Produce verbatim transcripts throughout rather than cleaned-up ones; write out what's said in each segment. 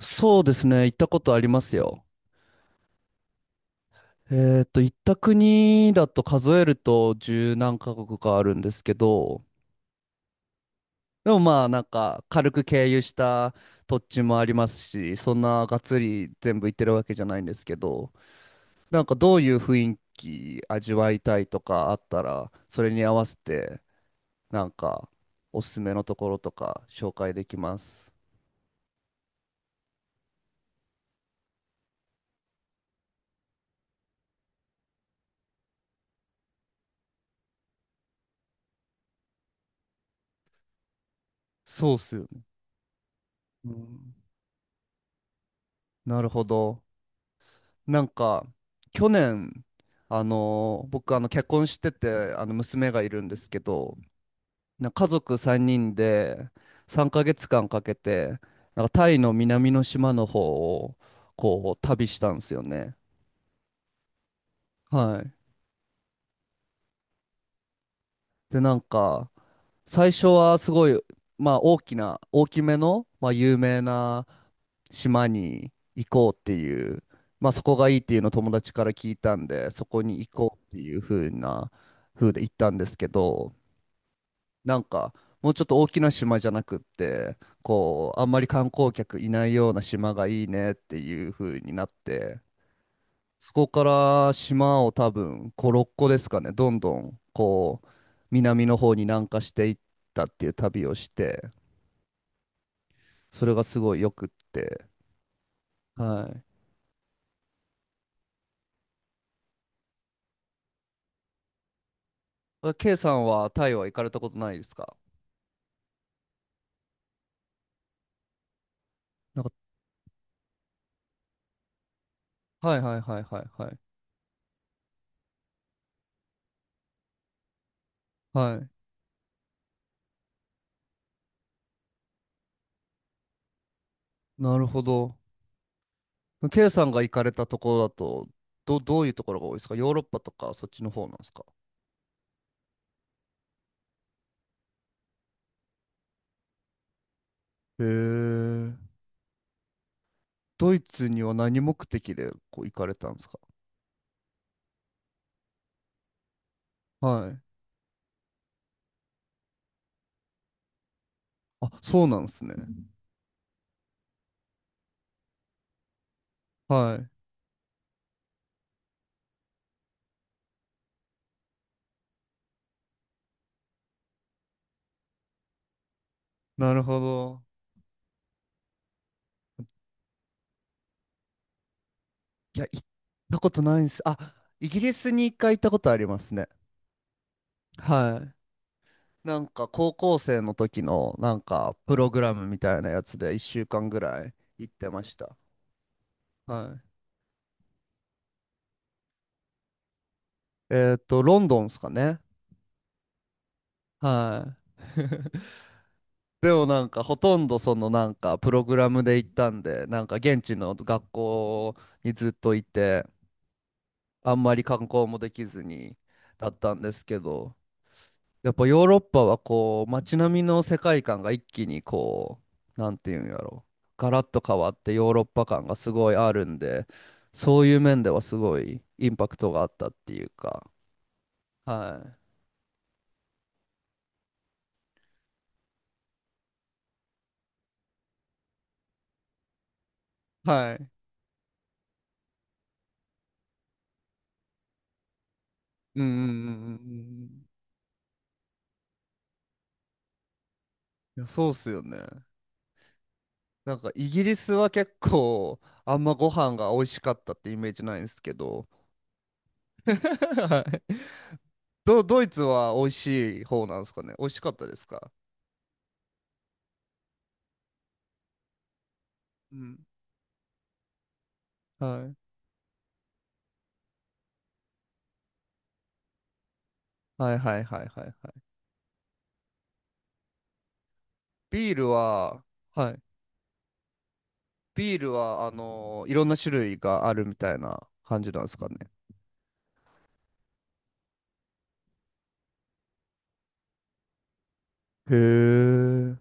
そうですね、行ったことありますよ。えっと、行った国だと数えるとじゅうなんかこくかあるんですけど、でもまあなんか軽く経由した土地もありますし、そんながっつり全部行ってるわけじゃないんですけど、なんかどういう雰囲気味わいたいとかあったら、それに合わせてなんかおすすめのところとか紹介できます。そうっすよね。うん、なるほど。なんか、去年、あのー僕、あの、結婚してて、あの、娘がいるんですけど、なん家族さんにんでさんかげつかんかんかけて、なんかタイの南の島の方を、こう、旅したんですよね。はい。で、なんか、最初はすごい、まあ大きな、大きめの、まあ有名な島に行こうっていう、まあそこがいいっていうのを友達から聞いたんで、そこに行こうっていう風な、風で行ったんですけど、なんかもうちょっと大きな島じゃなくって、こう、あんまり観光客いないような島がいいねっていう風になって、そこから島を多分ご、ろっこですかね、どんどんこう南の方に南下していったっていう旅をして、それがすごいよくって。はい。あ、 K さんはタイは行かれたことないですか？なんか、はいはいはいはいはい。はい。なるほど。K さんが行かれたところだと、ど、どういうところが多いですか？ヨーロッパとかそっちの方なんですか？へえ。ドイツには何目的でこう行かれたんですか？はい。あ、そうなんですね。はい。なるほど。いや、行ったことないんです。あ、イギリスにいっかい行ったことありますね。はい。なんか高校生の時のなんかプログラムみたいなやつでいっしゅうかんぐらい行ってました。はい。えっと、ロンドンですかね。はい。でもなんかほとんどそのなんかプログラムで行ったんで、なんか現地の学校にずっといて、あんまり観光もできずにだったんですけど、やっぱヨーロッパはこう街並みの世界観が一気にこうなんていうんやろ、ガラッと変わってヨーロッパ感がすごいあるんで、そういう面ではすごいインパクトがあったっていうか。はいはい、うんうんうんうんうん、いやそうっすよね。なんかイギリスは結構あんまご飯が美味しかったってイメージないんですけど。 はい。どドイツは美味しい方なんですかね？美味しかったですか？うん、はいはいはいはいはい。ビールは、はい。ビールは、あのーいろんな種類があるみたいな感じなんですかね。へえ。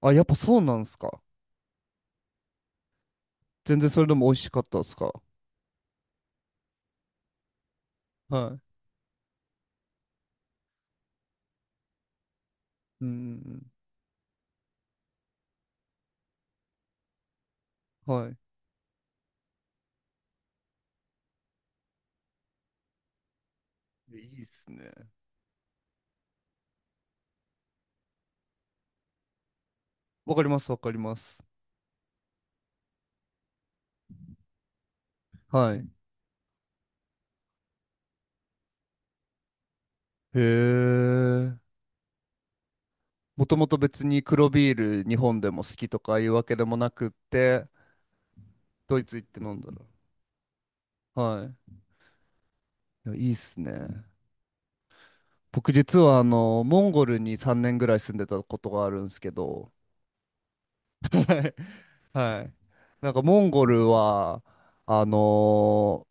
あ、やっぱそうなんですか。全然それでも美味しかったですか。はい。うんうんうん。はい。いいっすね。わかります、わかります。はい。へえ。もともと別に黒ビール日本でも好きとかいうわけでもなくって、ドイツ行って飲んだら。はい。いや、いいっすね。僕実はあの、モンゴルにさんねんぐらい住んでたことがあるんですけど、はい。はい。なんかモンゴルは、あの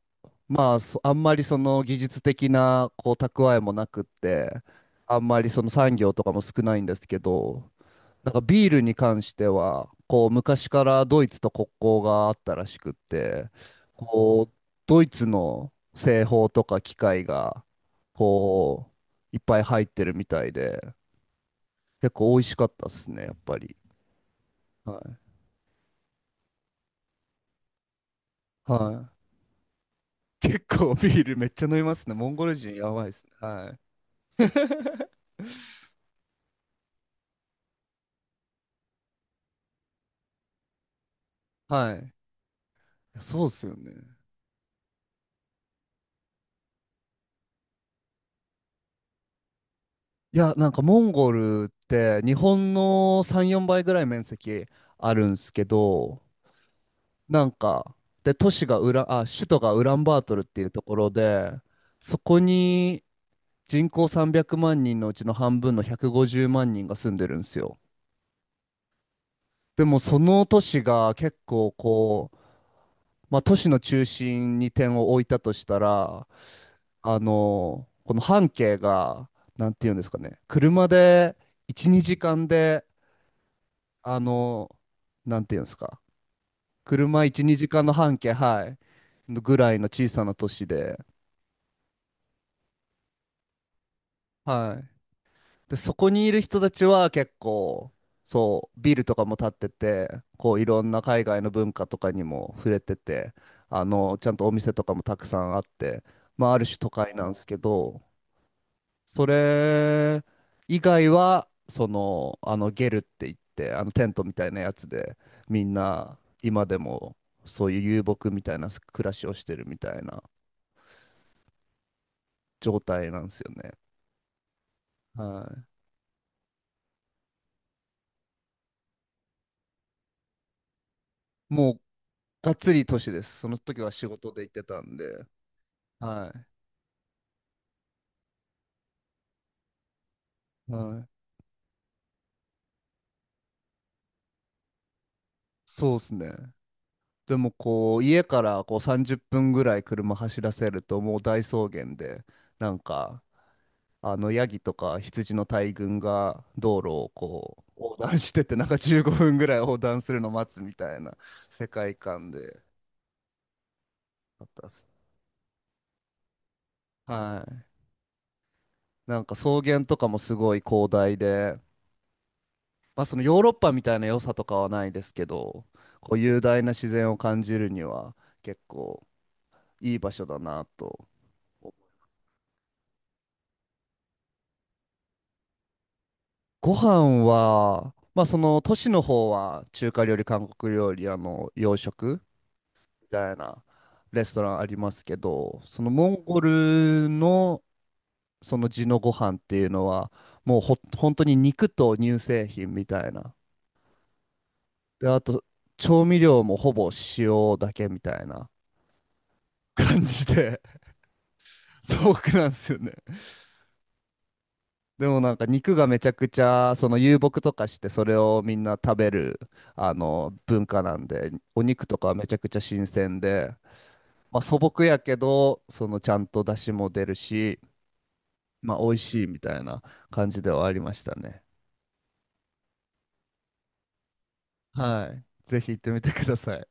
ーまあ、そあんまりその技術的なこう蓄えもなくって、あんまりその産業とかも少ないんですけど、なんかビールに関しては、こう昔からドイツと国交があったらしくって、こう、ドイツの製法とか機械が、こう、いっぱい入ってるみたいで、結構美味しかったっすね、やっぱり。はい。はい。結構ビールめっちゃ飲みますね。モンゴル人やばいですね。はい。はい。いやそうっすよね。いや、なんかモンゴルって日本のさん、よんばいぐらい面積あるんすけど、なんか、で、都市がウラ、あ、首都がウランバートルっていうところで、そこに人口さんびゃくまん人のうちの半分のひゃくごじゅうまん人が住んでるんですよ。でもその都市が結構こう、まあ、都市の中心に点を置いたとしたら、あの、この半径が、なんていうんですかね、車でいち、にじかんで、あの、なんていうんですか、車いち、にじかんの半径、はい、のぐらいの小さな都市で、はい。で、そこにいる人たちは結構、そう、ビルとかも建ってて、こう、いろんな海外の文化とかにも触れてて、あの、ちゃんとお店とかもたくさんあって、まあ、ある種都会なんですけど、それ以外は、その、あの、ゲルって言って、あの、テントみたいなやつで、みんな、今でも、そういう遊牧みたいな暮らしをしてるみたいな状態なんですよね。はい。もう、がっつり都市です。その時は仕事で行ってたんで。はい。はい。そうですね。でも、こう、家からこうさんじゅっぷんぐらい車走らせると、もう大草原で、なんか、あのヤギとか羊の大群が道路をこう横断してて、なんかじゅうごふんぐらい横断するの待つみたいな世界観であったっす。はい。なんか草原とかもすごい広大で、まあそのヨーロッパみたいな良さとかはないですけど、こう雄大な自然を感じるには結構いい場所だなと。ご飯は、まあその都市の方は中華料理、韓国料理、あの洋食たいなレストランありますけど、そのモンゴルのその地のご飯っていうのは、もうほ、本当に肉と乳製品みたいな。で、あと、調味料もほぼ塩だけみたいな感じで、素朴なんですよね。でもなんか肉がめちゃくちゃ、その遊牧とかしてそれをみんな食べる、あの、文化なんで、お肉とかはめちゃくちゃ新鮮で、まあ素朴やけど、そのちゃんと出汁も出るし、まあ、美味しいみたいな感じではありましたね。はい。ぜひ行ってみてください。